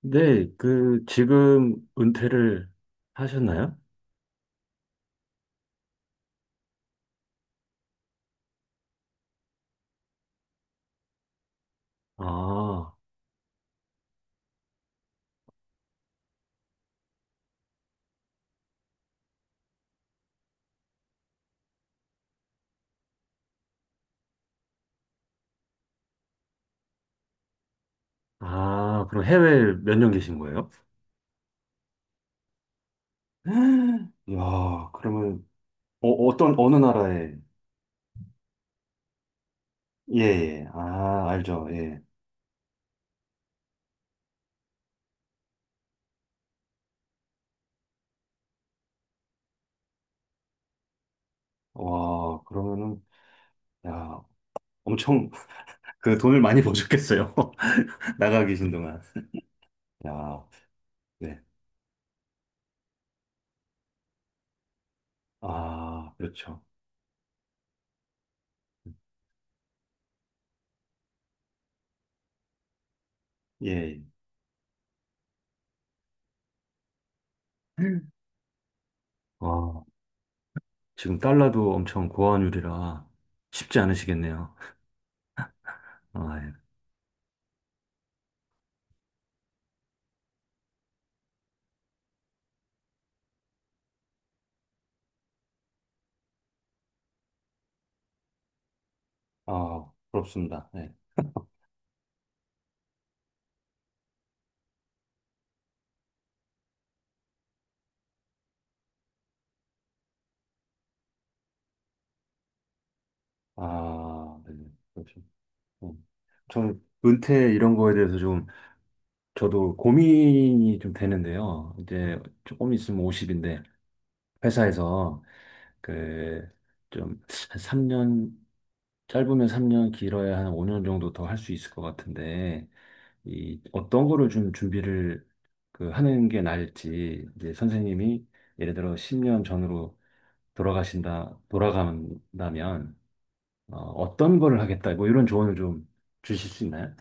네, 그, 지금 은퇴를 하셨나요? 아, 아, 그럼 해외에 몇 년 계신 거예요? 야, 그러면, 어떤, 어느 나라에? 예, 예. 아, 알죠, 예. 와, 그러면은, 야, 엄청, 그 돈을 많이 버셨겠어요. 나가 계신 동안. 야, 네. 아, 그렇죠. 예. 예. 와, 지금 달러도 엄청 고환율이라 쉽지 않으시겠네요. 아, 아, 부럽습니다. 네. 아, 네. 네. 그렇죠. 음. 저는 은퇴 이런 거에 대해서 좀 저도 고민이 좀 되는데요. 이제 조금 있으면 50인데 회사에서 그 좀 한 3년, 짧으면 3년 길어야 한 5년 정도 더 할 수 있을 것 같은데 이 어떤 거를 좀 준비를 그 하는 게 나을지, 이제 선생님이 예를 들어 10년 전으로 돌아가신다 돌아간다면 어떤 거를 하겠다, 뭐 이런 조언을 좀 주실 수 있나요?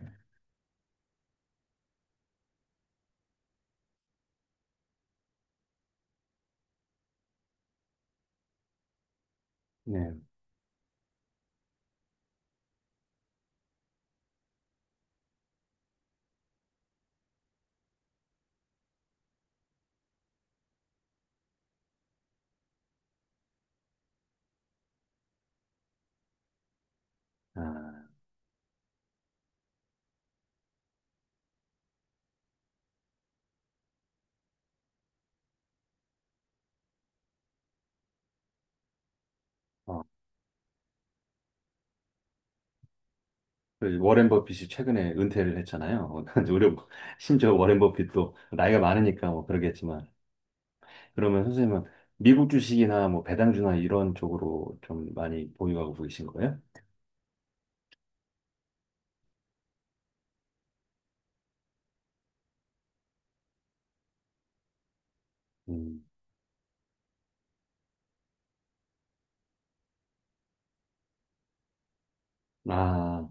네. 아, 어, 그 워렌 버핏이 최근에 은퇴를 했잖아요. 우리, 심지어 워렌 버핏도 나이가 많으니까 뭐 그러겠지만, 그러면 선생님은 미국 주식이나 뭐 배당주나 이런 쪽으로 좀 많이 보유하고 계신 거예요? 음. 아,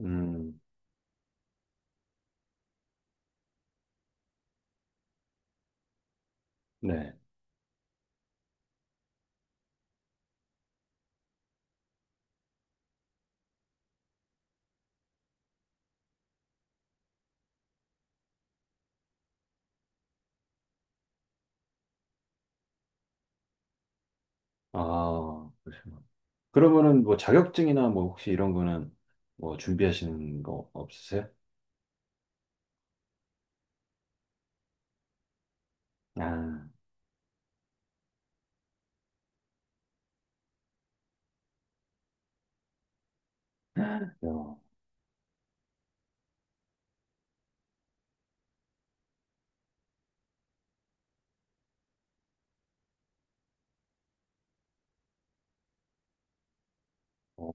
음, 네. 아, 그러시구나. 그러면은 뭐 자격증이나 뭐 혹시 이런 거는 뭐 준비하시는 거 없으세요? 아, 그래요. 어,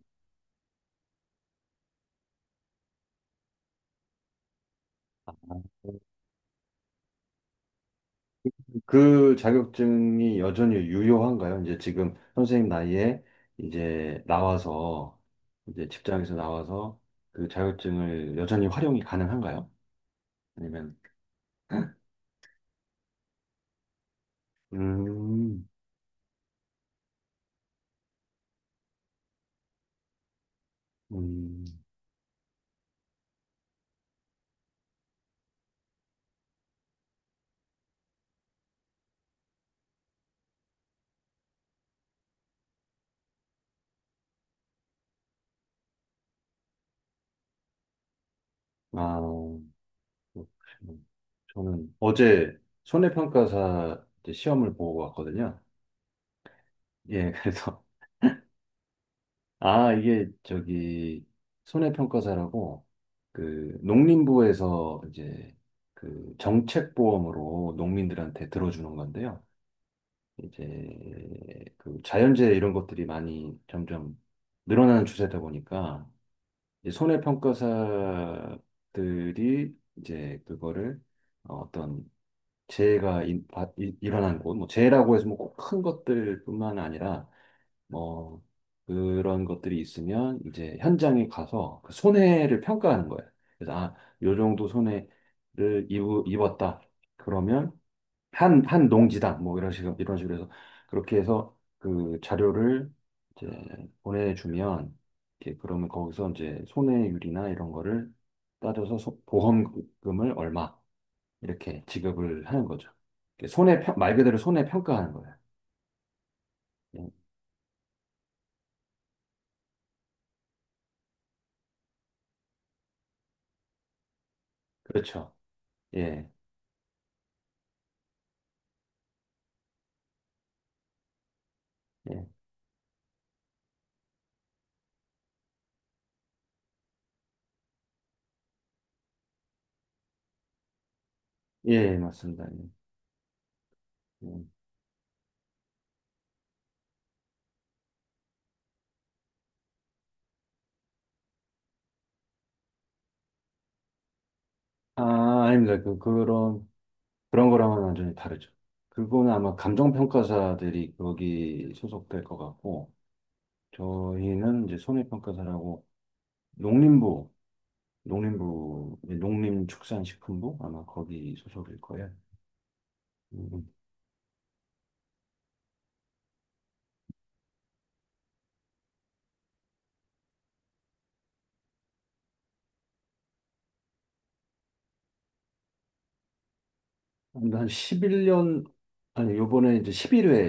그 자격증이 여전히 유효한가요? 이제 지금 선생님 나이에 이제 나와서, 이제 직장에서 나와서 그 자격증을 여전히 활용이 가능한가요? 아니면 음, 음, 아, 그렇군요. 저는 어제 손해평가사 이제 시험을 보고 왔거든요. 예, 그래서 아, 이게 저기 손해평가사라고 그 농림부에서 이제 그 정책보험으로 농민들한테 들어주는 건데요. 이제 그 자연재해 이런 것들이 많이 점점 늘어나는 추세다 보니까 이제 손해평가사들이 이제 그거를 어떤 재해가 일어난 곳, 뭐 재해라고 해서 뭐 꼭 큰 것들뿐만 아니라 뭐 그런 것들이 있으면 이제 현장에 가서 그 손해를 평가하는 거예요. 그래서 아, 요 정도 손해를 입었다. 그러면 한 농지당 뭐 이런 식으로 이런 식으로 해서, 그렇게 해서 그 자료를 이제 보내주면 이렇게, 그러면 거기서 이제 손해율이나 이런 거를 따져서 보험금을 얼마 이렇게 지급을 하는 거죠. 이렇게 손해 말 그대로 손해 평가하는 거예요. 예, 그렇죠. 예. 예. 예, 예, 맞습니다. 예. 음. 아, 아닙니다. 그런 거랑은 완전히 다르죠. 그거는 아마 감정평가사들이 거기 소속될 것 같고, 저희는 이제 손해평가사라고 농림부, 예, 농림축산식품부 아마 거기 소속일 거예요. 음, 근데 한 11년, 아니, 요번에 이제 11회,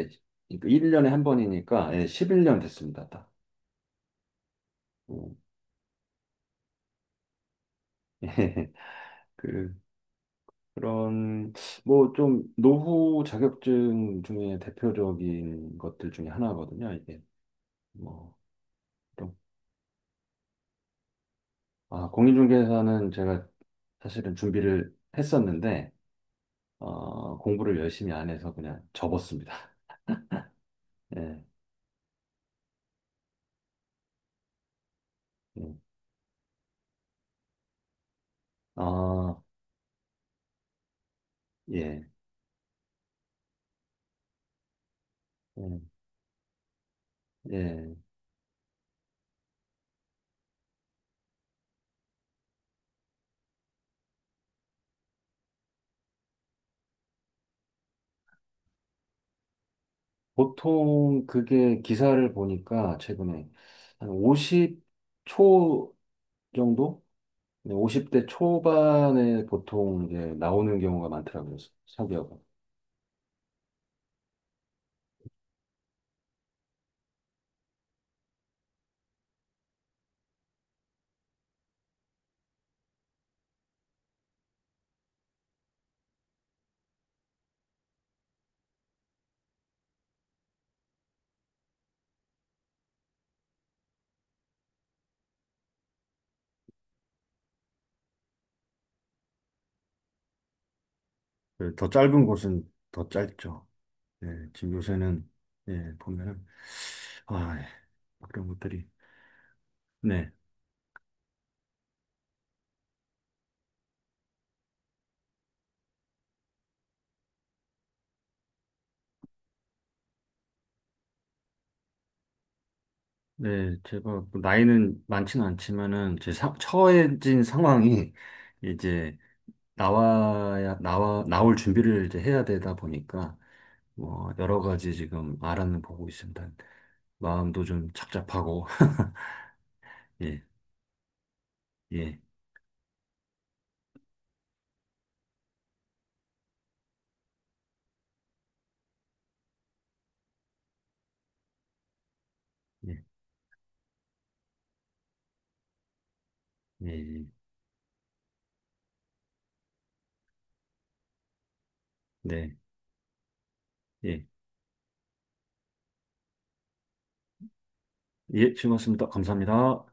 그러니까 1년에 한 번이니까, 예, 11년 됐습니다. 딱. 음. 예, 그, 그런 뭐 좀 노후 자격증 중에 대표적인 것들 중에 하나거든요. 이게 뭐 좀, 아, 공인중개사는 제가 사실은 준비를 했었는데 공부를 열심히 안 해서 그냥 접었습니다. 예, 예. 아, 예, 예, 예. 보통 그게, 기사를 보니까 최근에 한 50초 정도, 근데 50대 초반에 보통 이제 나오는 경우가 많더라고요. 사기업은. 그더 짧은 곳은 더 짧죠. 예, 지금 요새는, 예, 보면은, 아, 예, 그런 것들이. 네, 네, 제가 뭐 나이는 많지는 않지만은, 처해진 상황이 이제 나올 준비를 이제 해야 되다 보니까, 뭐, 여러 가지 지금 알아는 보고 있습니다. 마음도 좀 착잡하고, 예, 예, 예. 예, 네. 예. 예, 즐거웠습니다. 감사합니다.